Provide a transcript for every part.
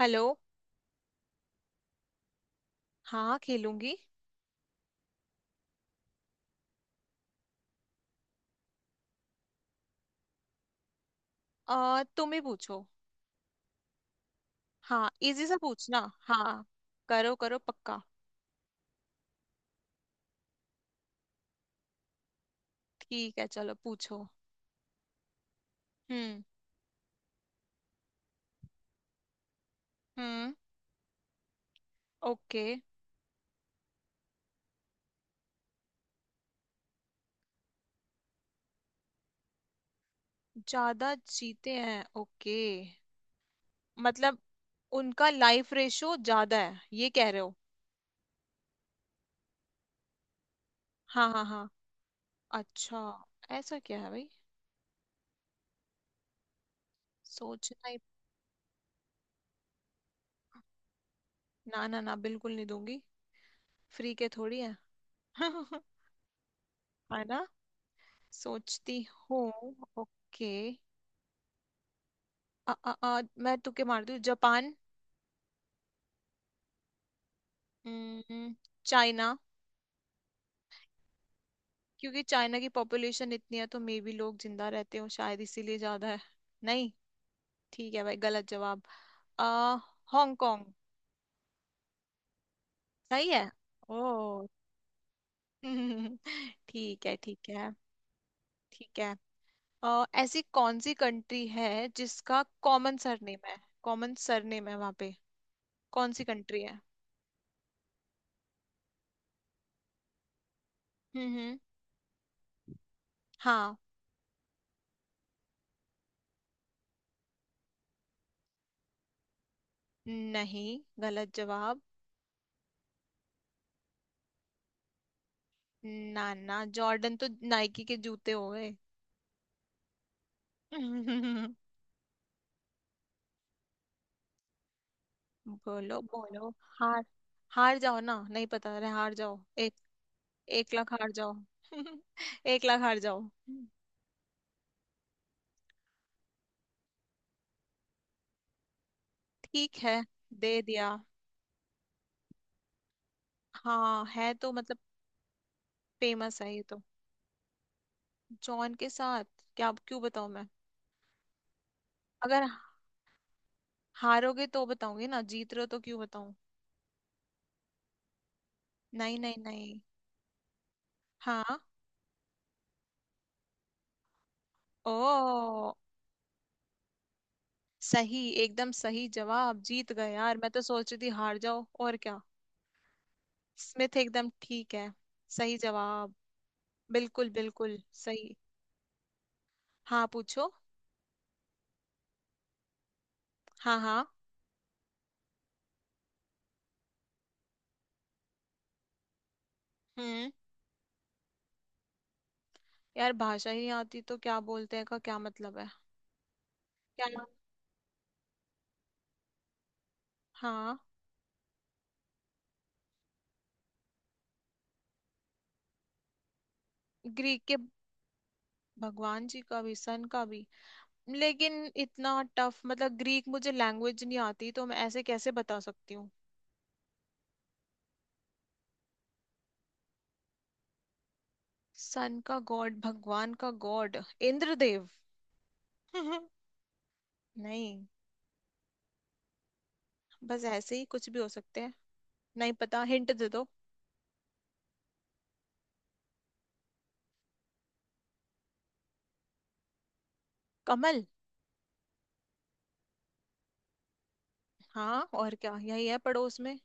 Hello. हाँ, खेलूंगी। तुम ही पूछो। हाँ, इजी सा पूछना। हाँ, करो करो, पक्का। ठीक है, चलो पूछो। हम्म हम्म। ओके, ज्यादा जीते हैं, ओके। मतलब, उनका लाइफ रेशो ज्यादा है, ये कह रहे हो? हाँ हाँ हाँ। अच्छा, ऐसा क्या है भाई? सोचना ही। ना ना ना, बिल्कुल नहीं दूंगी। फ्री के थोड़ी है। है ना। सोचती हूँ, ओके। मैं तुक्के मारती हूँ, जापान। हम्म, चाइना। क्योंकि चाइना की पॉपुलेशन इतनी है, तो मे भी लोग जिंदा रहते हो, शायद इसीलिए ज्यादा है। नहीं, ठीक है भाई, गलत जवाब। आ हांगकांग। सही है। ओ ठीक है ठीक है ठीक है। ऐसी कौन सी कंट्री है जिसका कॉमन सरनेम है? कॉमन सरनेम है वहां पे, कौन सी कंट्री है? हम्म। हाँ, नहीं गलत जवाब। ना ना, जॉर्डन तो नाइकी के जूते हो गए। बोलो बोलो। हार। हार जाओ ना, नहीं पता रहे हार जाओ, एक। 1 लाख हार जाओ। 1 लाख हार जाओ। ठीक है, दे दिया। हाँ, है तो मतलब। फेमस है ये तो। जॉन के साथ, क्या, क्यों बताऊं मैं? अगर हारोगे तो बताऊंगी ना, जीत रहे हो तो क्यों बताऊं? नहीं नहीं नहीं। हाँ। ओ, सही, एकदम सही जवाब, जीत गए यार। मैं तो सोच रही थी हार जाओ, और क्या। स्मिथ एकदम ठीक है। सही जवाब। बिल्कुल बिल्कुल। सही। हाँ, पूछो। हाँ हाँ। हम्म। यार, भाषा ही नहीं आती तो क्या बोलते हैं का क्या मतलब है? क्या? हाँ। ग्रीक के? भगवान जी का भी, सन का भी। लेकिन इतना टफ, मतलब ग्रीक मुझे लैंग्वेज नहीं आती, तो मैं ऐसे कैसे बता सकती हूँ? सन का गॉड, भगवान का गॉड, इंद्रदेव। नहीं। बस ऐसे ही कुछ भी हो सकते हैं। नहीं पता, हिंट दे दो। कमल। हाँ और क्या, यही है पड़ोस में।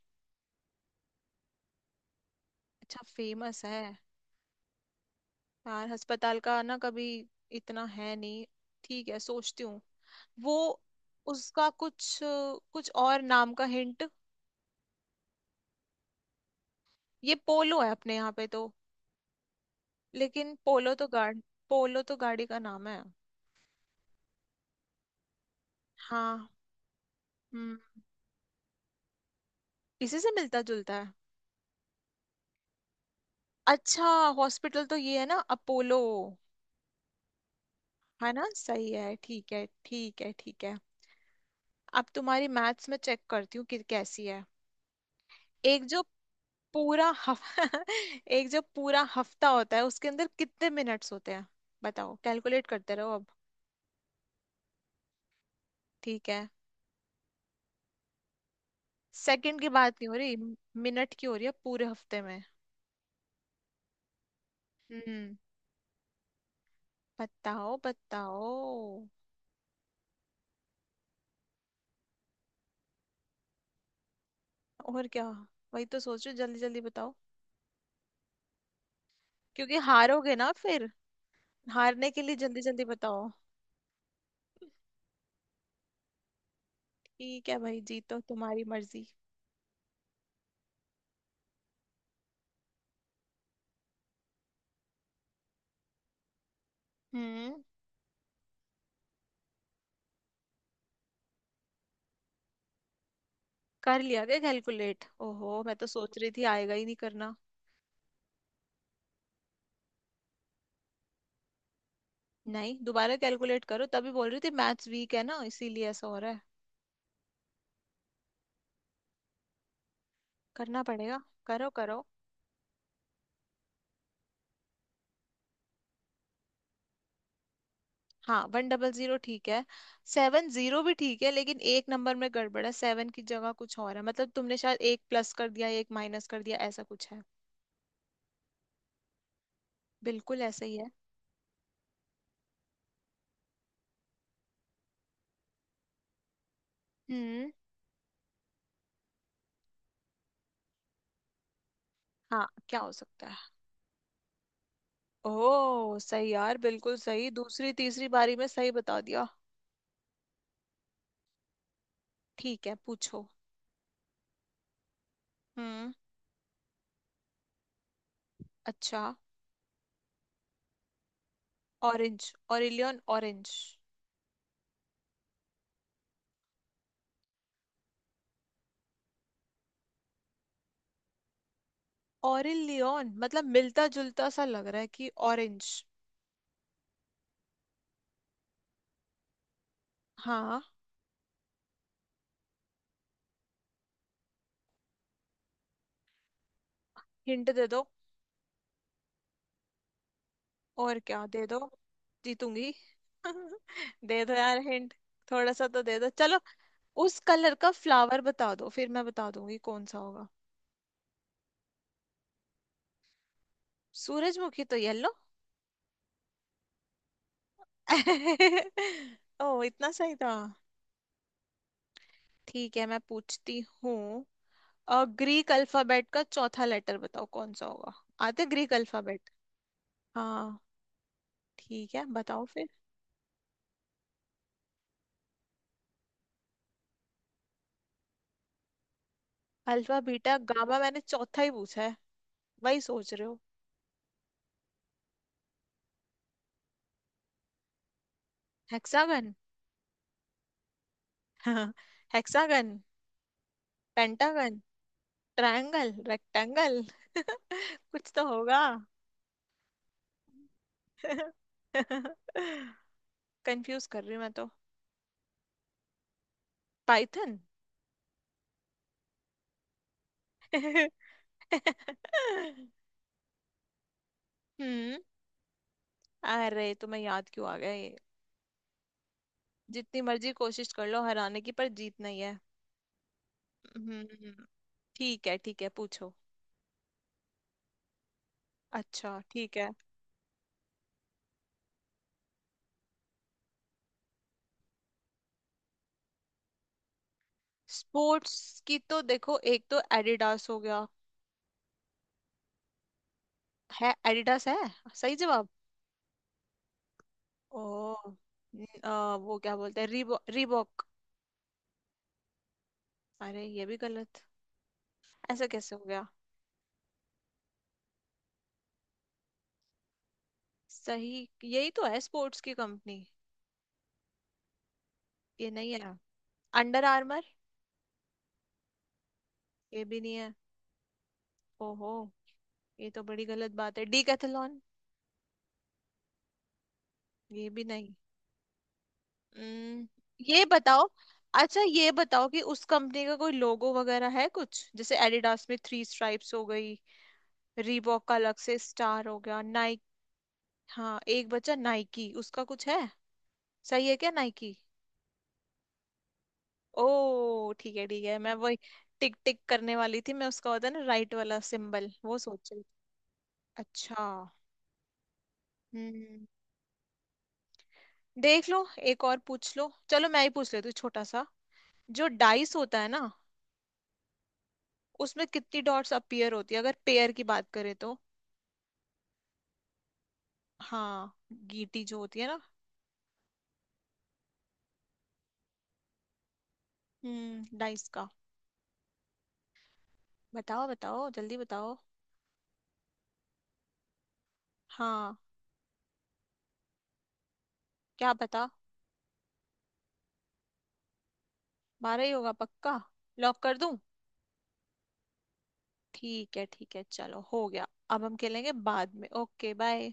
अच्छा फेमस है। यार अस्पताल का ना कभी इतना है नहीं। ठीक है, सोचती हूँ। वो, उसका कुछ, कुछ और नाम का हिंट। ये पोलो है अपने यहाँ पे तो, लेकिन पोलो तो गाड़ी। पोलो तो गाड़ी का नाम है। हाँ। हम्म, इसी से मिलता जुलता है। अच्छा, हॉस्पिटल तो ये है ना, अपोलो। है ना, सही है, ठीक है ठीक है ठीक है। अब तुम्हारी मैथ्स में चेक करती हूँ कि कैसी है। एक जो पूरा हफ एक जो पूरा हफ्ता होता है उसके अंदर कितने मिनट्स होते हैं? बताओ, कैलकुलेट करते रहो अब। ठीक है। सेकंड की बात नहीं हो रही, मिनट की हो रही है, पूरे हफ्ते में। हम्म। बताओ बताओ। और क्या, वही तो सोच रही हूँ, जल्दी जल्दी बताओ। क्योंकि हारोगे ना फिर, हारने के लिए जल्दी जल्दी बताओ। ठीक है भाई, जीतो, तुम्हारी मर्जी। हम्म। कर लिया क्या कैलकुलेट? ओहो, मैं तो सोच रही थी आएगा ही नहीं, करना। नहीं, दोबारा कैलकुलेट करो, तभी बोल रही थी मैथ्स वीक है ना, इसीलिए ऐसा हो रहा है। करना पड़ेगा। करो करो। हाँ, 100 ठीक है, 70 भी ठीक है, लेकिन एक नंबर में गड़बड़ है, सेवन की जगह कुछ और है। मतलब तुमने शायद एक प्लस कर दिया, एक माइनस कर दिया, ऐसा कुछ है। बिल्कुल ऐसा ही है। हम्म। हाँ, क्या हो सकता है? ओह सही यार, बिल्कुल सही, दूसरी तीसरी बारी में सही बता दिया। ठीक है, पूछो। हम्म। अच्छा, ऑरेंज। ऑरिलियन ऑरेंज। ऑरिल लियोन, मतलब मिलता जुलता सा लग रहा है कि ऑरेंज। हाँ। हिंट दे दो। और क्या दे दो। जीतूंगी। दे दो यार हिंट। थोड़ा सा तो दे दो, चलो। उस कलर का फ्लावर बता दो, फिर मैं बता दूंगी कौन सा होगा। सूरजमुखी तो येलो। ओ, इतना सही था। ठीक है, मैं पूछती हूँ। ग्रीक अल्फाबेट का चौथा लेटर बताओ, कौन सा होगा? आते ग्रीक अल्फाबेट? हाँ, ठीक है बताओ। अल्फा बीटा गामा, मैंने चौथा ही पूछा है, वही सोच रहे हो। Hexagon. Hexagon. Pentagon. Triangle rectangle कुछ तो होगा। कंफ्यूज कर रही हूँ मैं तो। पाइथन। हम्म। अरे, तुम्हें याद क्यों आ गया ये? जितनी मर्जी कोशिश कर लो हराने की, पर जीत नहीं है। हम्म। ठीक है ठीक है, पूछो। अच्छा, ठीक है। स्पोर्ट्स की तो देखो, एक तो एडिडास हो गया। है, एडिडास है, सही जवाब। ओ। वो क्या बोलते हैं, रीबॉक, रीबॉक। अरे, ये भी गलत, ऐसा कैसे हो गया? सही, यही तो है स्पोर्ट्स की कंपनी। ये नहीं है? Under Armour. ये भी नहीं है? ओहो। ये तो बड़ी गलत बात है। डीकैथलॉन। ये भी नहीं। हम्म, ये बताओ, अच्छा ये बताओ कि उस कंपनी का कोई लोगो वगैरह है कुछ, जैसे एडिडास में 3 स्ट्राइप्स हो गई, रीबॉक का अलग से स्टार हो गया, नाइक। हाँ, एक बचा नाइकी, उसका कुछ है, सही है क्या नाइकी? ओ, ठीक है ठीक है। मैं वही टिक टिक करने वाली थी, मैं, उसका होता है ना राइट वाला सिंबल, वो सोच रही थी। अच्छा। हम्म। देख लो, एक और पूछ लो, चलो मैं ही पूछ लेती हूँ छोटा सा। जो डाइस होता है ना, उसमें कितनी डॉट्स अपीयर होती है, अगर पेयर की बात करें तो? हाँ, गीटी जो होती है ना। हम्म, डाइस का। बताओ बताओ, जल्दी बताओ। हाँ, क्या बता, 12 ही होगा पक्का? लॉक कर दूं? ठीक है ठीक है, चलो हो गया, अब हम खेलेंगे बाद में। Okay, bye.